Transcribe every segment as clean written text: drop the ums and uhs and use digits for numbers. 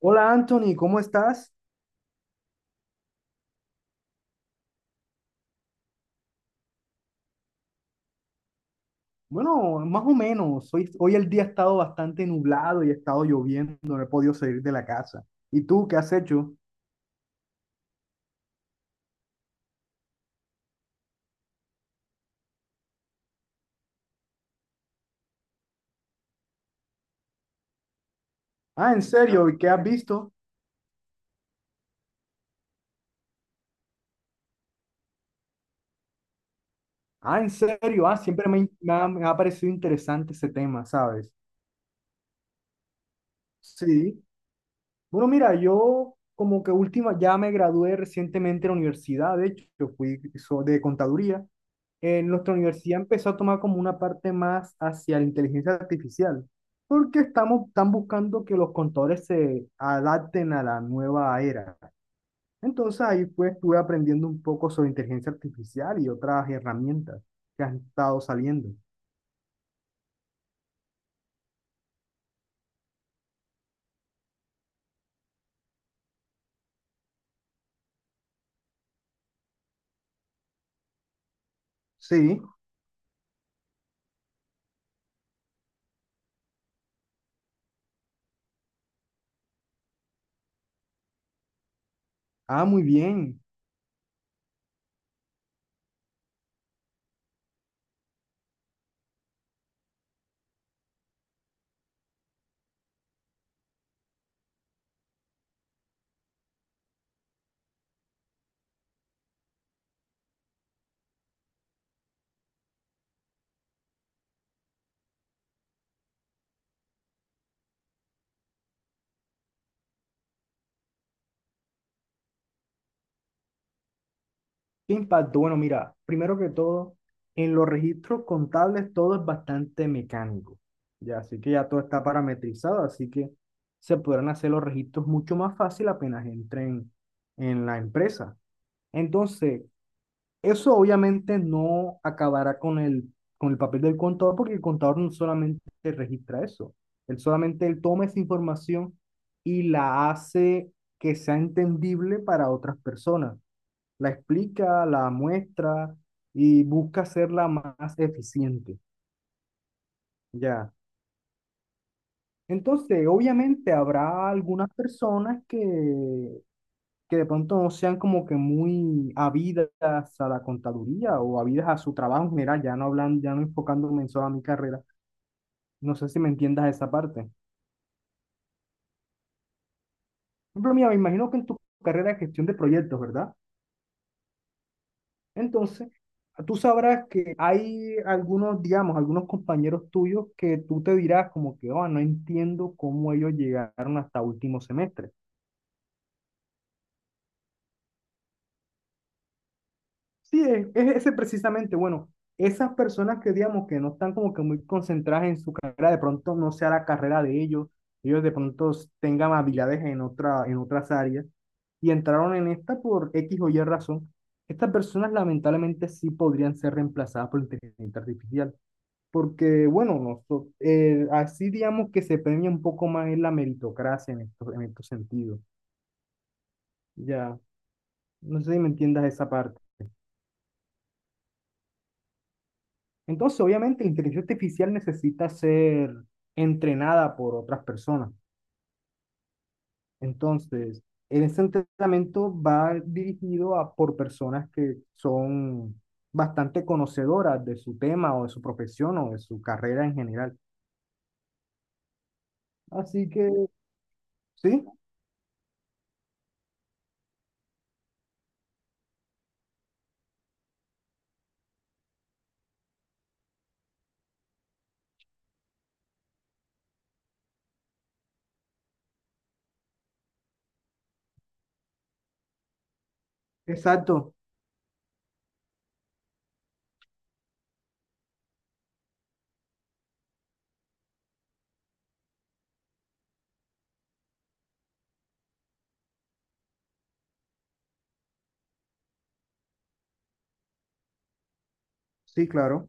Hola Anthony, ¿cómo estás? Bueno, más o menos. Hoy el día ha estado bastante nublado y ha estado lloviendo, no he podido salir de la casa. ¿Y tú qué has hecho? Ah, ¿en serio? ¿Y qué has visto? Ah, ¿en serio? Ah, siempre me ha parecido interesante ese tema, ¿sabes? Sí. Bueno, mira, yo como que última, ya me gradué recientemente de la universidad, de hecho, yo fui de contaduría. En nuestra universidad empezó a tomar como una parte más hacia la inteligencia artificial, porque están buscando que los contadores se adapten a la nueva era. Entonces ahí pues estuve aprendiendo un poco sobre inteligencia artificial y otras herramientas que han estado saliendo. Sí, ah, muy bien. ¿Qué impacto? Bueno, mira, primero que todo, en los registros contables todo es bastante mecánico, ya, así que ya todo está parametrizado, así que se podrán hacer los registros mucho más fácil apenas entren en la empresa. Entonces, eso obviamente no acabará con el papel del contador, porque el contador no solamente registra eso, él solamente él toma esa información y la hace que sea entendible para otras personas, la explica, la muestra y busca hacerla más eficiente, ya. Entonces, obviamente habrá algunas personas que de pronto no sean como que muy habidas a la contaduría o habidas a su trabajo en general, ya no hablan, ya no enfocándome en solo a mi carrera. No sé si me entiendas esa parte. Por ejemplo, mira, me imagino que en tu carrera de gestión de proyectos, ¿verdad? Entonces, tú sabrás que hay algunos, digamos, algunos compañeros tuyos que tú te dirás como que, oh, no entiendo cómo ellos llegaron hasta último semestre. Sí, es ese precisamente, bueno, esas personas que, digamos, que no están como que muy concentradas en su carrera, de pronto no sea la carrera de ellos, ellos de pronto tengan habilidades en otras áreas y entraron en esta por X o Y razón. Estas personas lamentablemente sí podrían ser reemplazadas por inteligencia artificial. Porque, bueno, nosotros, así digamos que se premia un poco más en la meritocracia en estos sentidos. Ya, no sé si me entiendas esa parte. Entonces, obviamente, la inteligencia artificial necesita ser entrenada por otras personas. Entonces, en ese entrenamiento va dirigido a, por personas que son bastante conocedoras de su tema o de su profesión o de su carrera en general. Así que, sí, exacto. Sí, claro.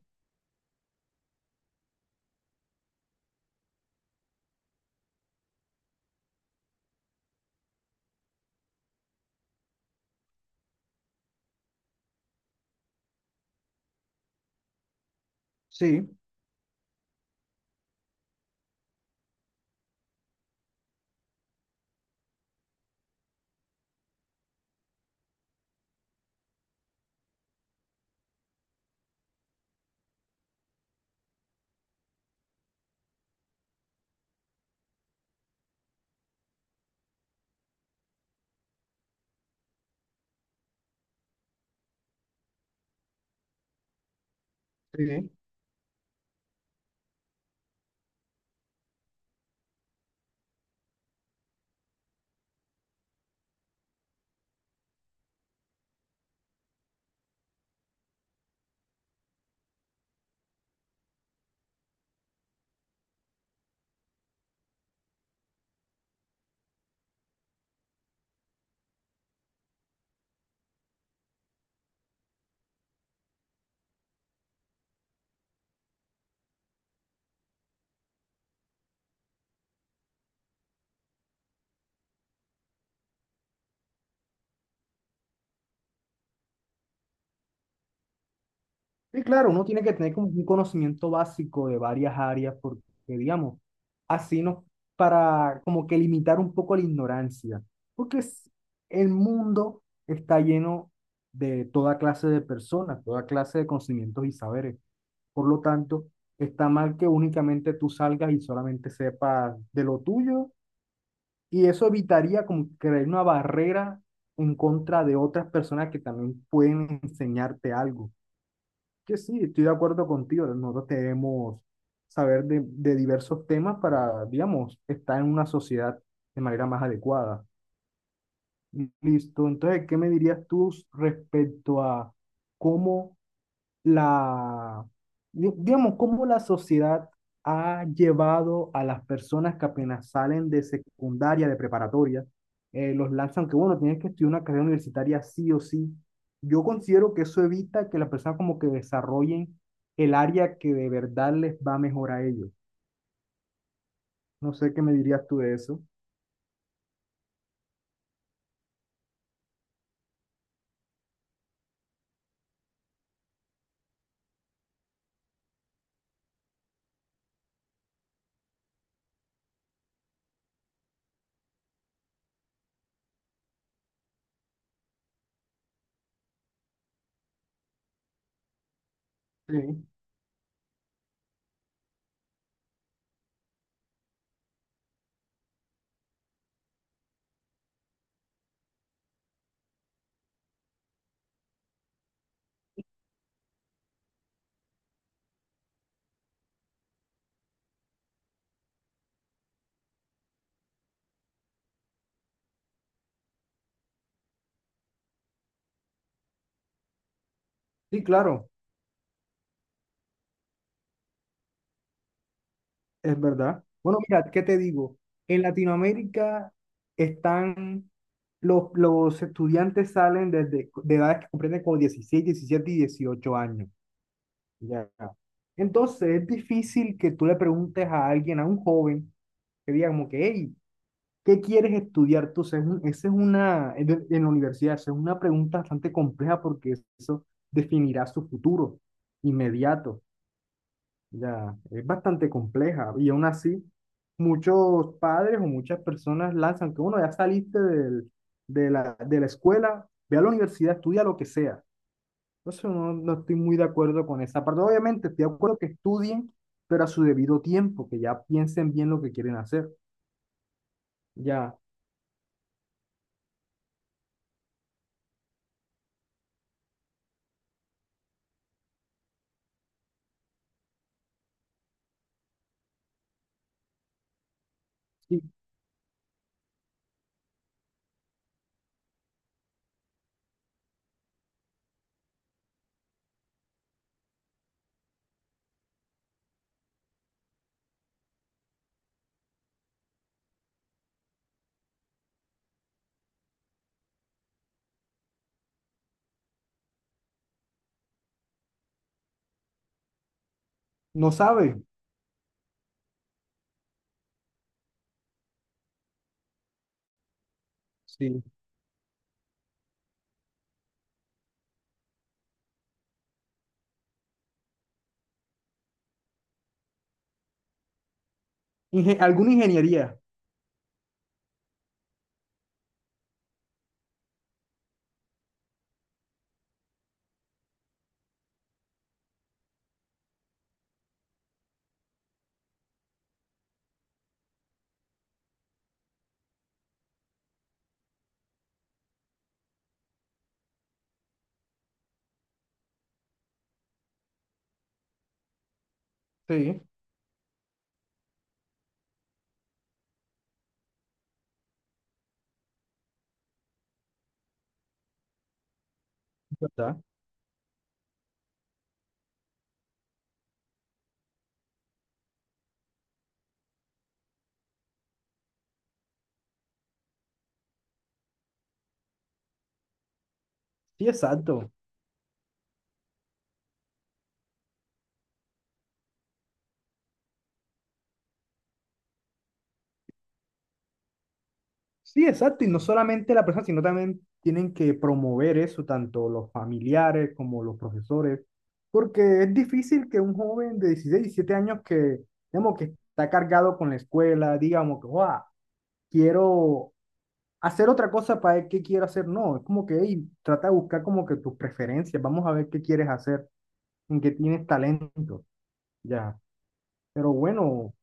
Sí, sí. Sí, claro, uno tiene que tener como un conocimiento básico de varias áreas porque, digamos, así no, para como que limitar un poco la ignorancia, porque el mundo está lleno de toda clase de personas, toda clase de conocimientos y saberes. Por lo tanto, está mal que únicamente tú salgas y solamente sepas de lo tuyo y eso evitaría como crear una barrera en contra de otras personas que también pueden enseñarte algo. Que sí, estoy de acuerdo contigo, ¿no? Nosotros debemos saber de diversos temas para, digamos, estar en una sociedad de manera más adecuada. Listo. Entonces, ¿qué me dirías tú respecto a cómo la, digamos, cómo la sociedad ha llevado a las personas que apenas salen de secundaria, de preparatoria, los lanzan que, bueno, tienes que estudiar una carrera universitaria sí o sí. Yo considero que eso evita que las personas como que desarrollen el área que de verdad les va mejor a ellos. No sé qué me dirías tú de eso. Sí. Sí, claro. Es verdad. Bueno, mira, ¿qué te digo? En Latinoamérica están, los estudiantes salen desde de edades que comprenden como 16, 17 y 18 años. Ya. Entonces es difícil que tú le preguntes a alguien, a un joven, que diga como que, hey, ¿qué quieres estudiar tú? O sea, esa es una, en la universidad, esa es una pregunta bastante compleja porque eso definirá su futuro inmediato. Ya, es bastante compleja y aún así muchos padres o muchas personas lanzan que uno ya saliste de la escuela, ve a la universidad, estudia lo que sea. Entonces no, no estoy muy de acuerdo con esa parte. Obviamente estoy de acuerdo que estudien, pero a su debido tiempo, que ya piensen bien lo que quieren hacer. Ya, sí, no sabe, sí. Alguna ingeniería, sí, ¿verdad? Sí, exacto. Sí, exacto, y no solamente la persona, sino también tienen que promover eso, tanto los familiares como los profesores, porque es difícil que un joven de 16 17 años que, digamos, que está cargado con la escuela, digamos que, "Guau, quiero hacer otra cosa para ver qué quiero hacer", no, es como que, "Ey, trata de buscar como que tus preferencias, vamos a ver qué quieres hacer, en qué tienes talento", ya. Pero bueno,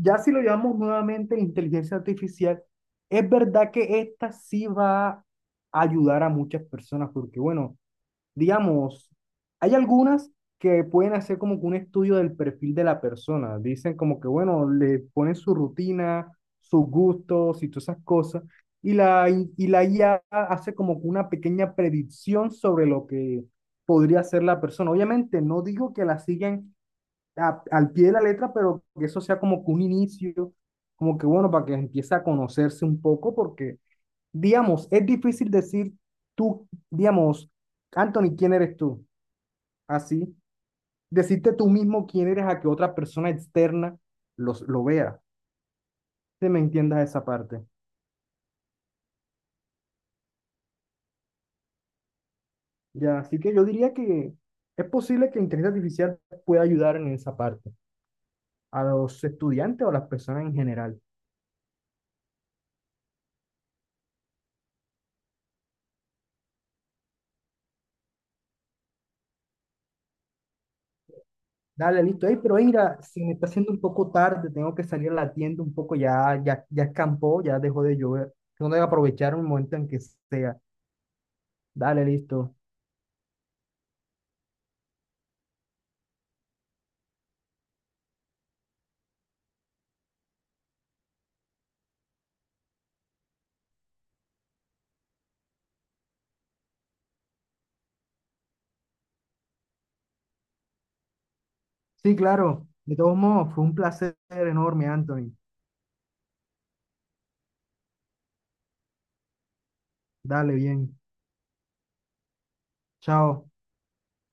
ya si lo llamamos nuevamente inteligencia artificial, es verdad que esta sí va a ayudar a muchas personas, porque bueno, digamos, hay algunas que pueden hacer como que un estudio del perfil de la persona. Dicen como que bueno, le ponen su rutina, sus gustos y todas esas cosas, y y la IA hace como que una pequeña predicción sobre lo que podría ser la persona. Obviamente, no digo que la sigan al pie de la letra, pero que eso sea como que un inicio, como que bueno, para que empiece a conocerse un poco, porque, digamos, es difícil decir tú, digamos, Anthony, ¿quién eres tú? Así, decirte tú mismo quién eres a que otra persona externa lo vea, que me entiendas esa parte. Ya, así que yo diría que es posible que la inteligencia artificial pueda ayudar en esa parte, a los estudiantes o a las personas en general. Dale, listo. Ey, pero ey, mira, se me está haciendo un poco tarde, tengo que salir a la tienda un poco, ya, ya, ya escampó, ya dejó de llover. Tengo que aprovechar un momento en que sea. Dale, listo. Sí, claro. De todos modos, fue un placer enorme, Anthony. Dale, bien. Chao.